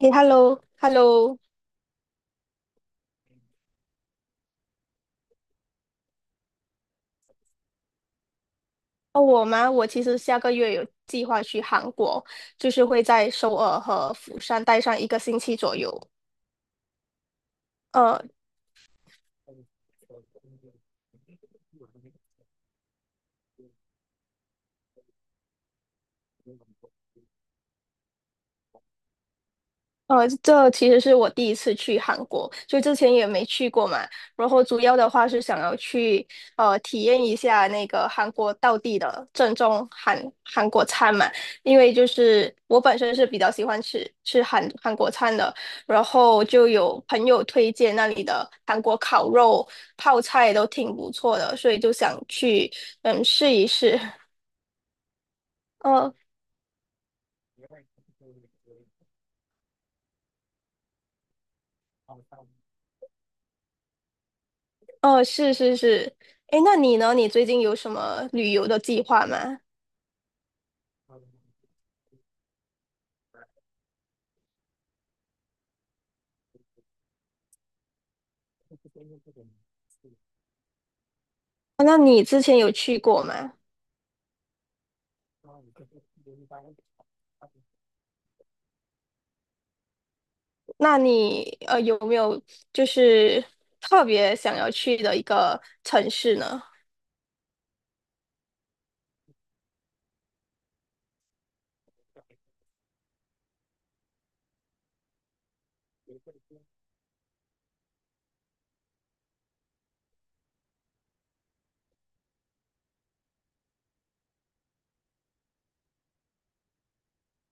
诶， h e l l o， h e l l o。 哦，我吗？我其实下个月有计划去韩国，就是会在首尔和釜山待上一个星期左右。呃。这其实是我第一次去韩国，就之前也没去过嘛。然后主要的话是想要去体验一下那个韩国道地的正宗韩国餐嘛，因为就是我本身是比较喜欢吃韩国餐的，然后就有朋友推荐那里的韩国烤肉、泡菜都挺不错的，所以就想去嗯试一试。呃呃，是是是。诶，那你呢？你最近有什么旅游的计划吗？啊，那你之前有去过吗？那你有没有就是特别想要去的一个城市呢？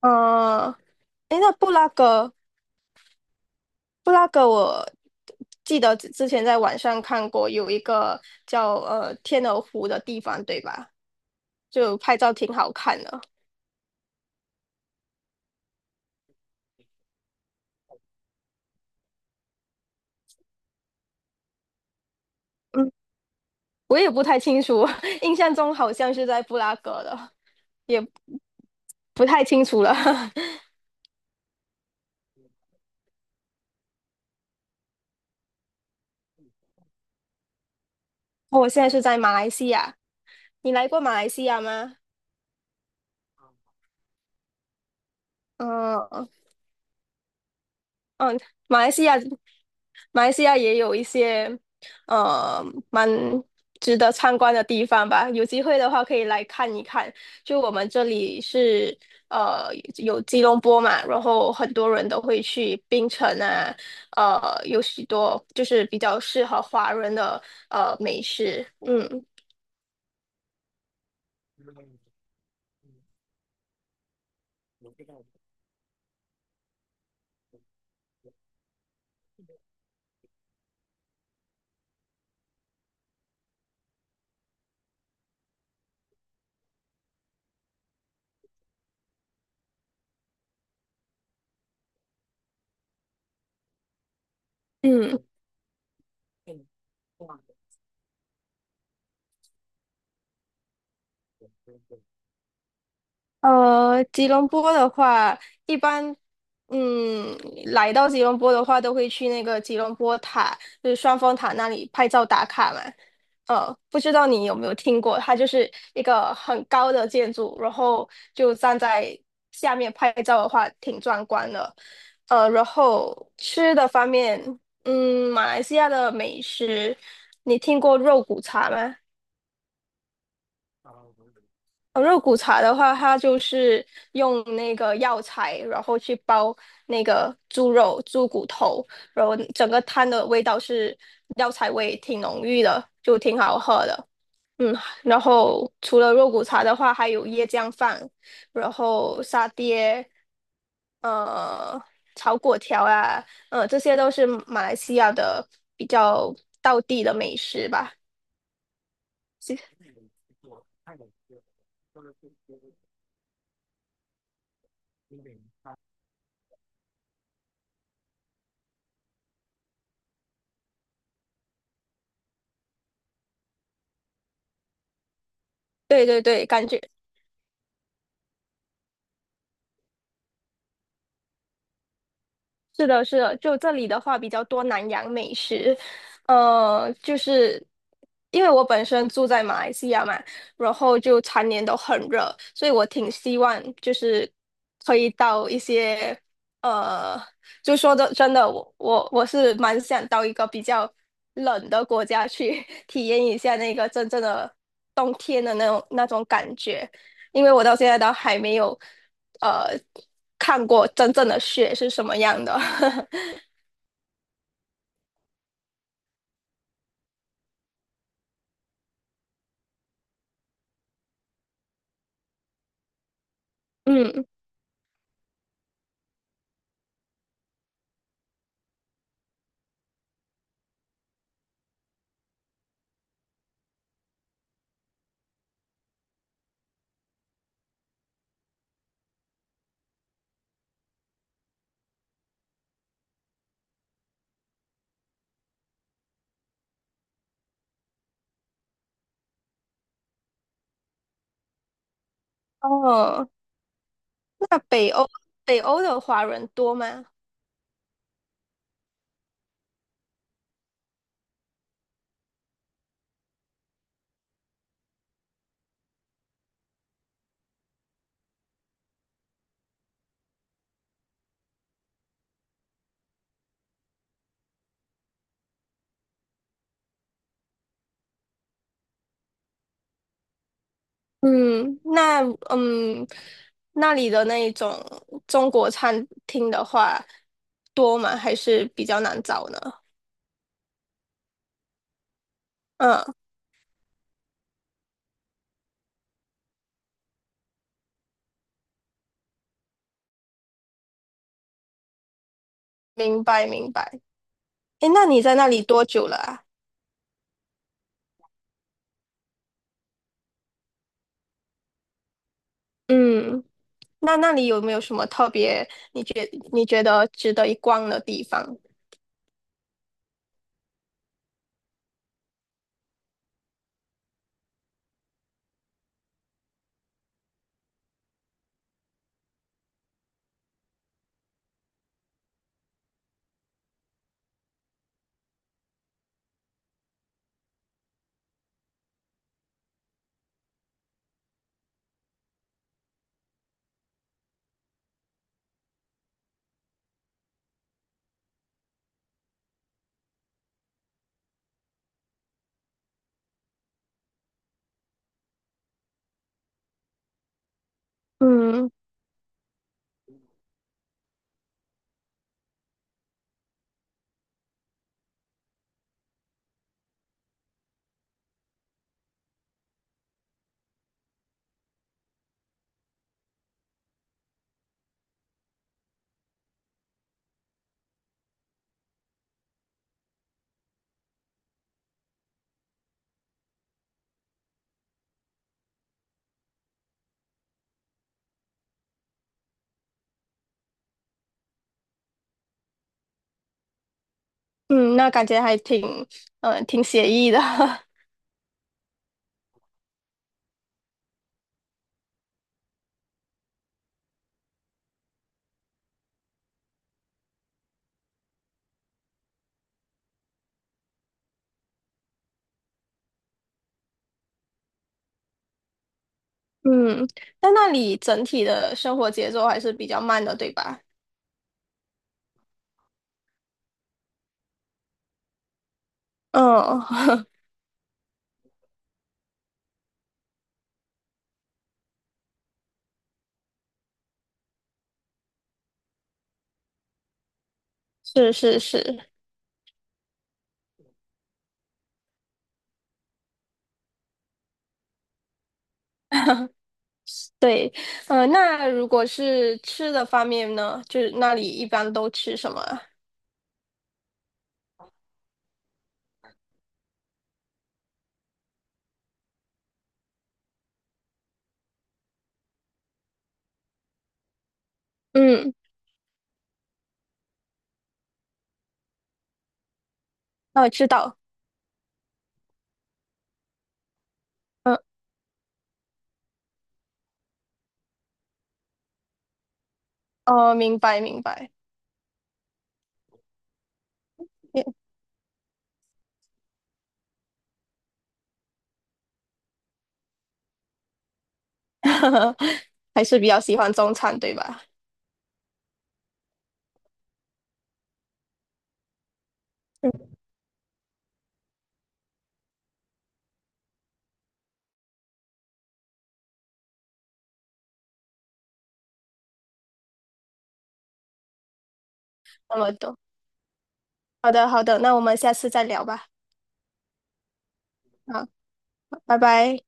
呃，诶，那布拉格，布拉格我记得之前在网上看过有一个叫天鹅湖的地方，对吧？就拍照挺好看的。嗯，我也不太清楚，印象中好像是在布拉格的，也不太清楚了。我现在是在马来西亚，你来过马来西亚吗？嗯嗯，马来西亚，马来西亚也有一些，呃，蛮值得参观的地方吧。有机会的话，可以来看一看。就我们这里是，呃，有吉隆坡嘛，然后很多人都会去槟城啊，呃，有许多就是比较适合华人的美食。嗯嗯。呃，吉隆坡的话，一般，嗯，来到吉隆坡的话，都会去那个吉隆坡塔，就是双峰塔那里拍照打卡嘛。不知道你有没有听过，它就是一个很高的建筑，然后就站在下面拍照的话，挺壮观的。然后吃的方面，嗯，马来西亚的美食，你听过肉骨茶吗？肉骨茶的话，它就是用那个药材，然后去煲那个猪肉、猪骨头，然后整个汤的味道是药材味，挺浓郁的，就挺好喝的。嗯，然后除了肉骨茶的话，还有椰浆饭，然后沙爹，呃，炒粿条啊，这些都是马来西亚的比较道地的美食吧。对对对，感觉。是的，是的，就这里的话比较多南洋美食，就是因为我本身住在马来西亚嘛，然后就常年都很热，所以我挺希望就是可以到一些，呃，就说的真的，我是蛮想到一个比较冷的国家去 体验一下那个真正的冬天的那种感觉。因为我到现在都还没有呃看过真正的雪是什么样的。嗯。哦，那北欧的华人多吗？嗯，那嗯那里的那一种中国餐厅的话多吗？还是比较难找呢？嗯，明白明白。诶，那你在那里多久了啊？嗯，那那里有没有什么特别你觉得值得一逛的地方？嗯。嗯，那感觉还挺，挺写意的。嗯，但那里整体的生活节奏还是比较慢的，对吧？嗯，是是是，对。那如果是吃的方面呢，就是那里一般都吃什么啊？嗯，哦，知道。嗯，哦，明白明白。还是比较喜欢中餐，对吧？嗯，那么多。好的好的，那我们下次再聊吧。好，拜拜。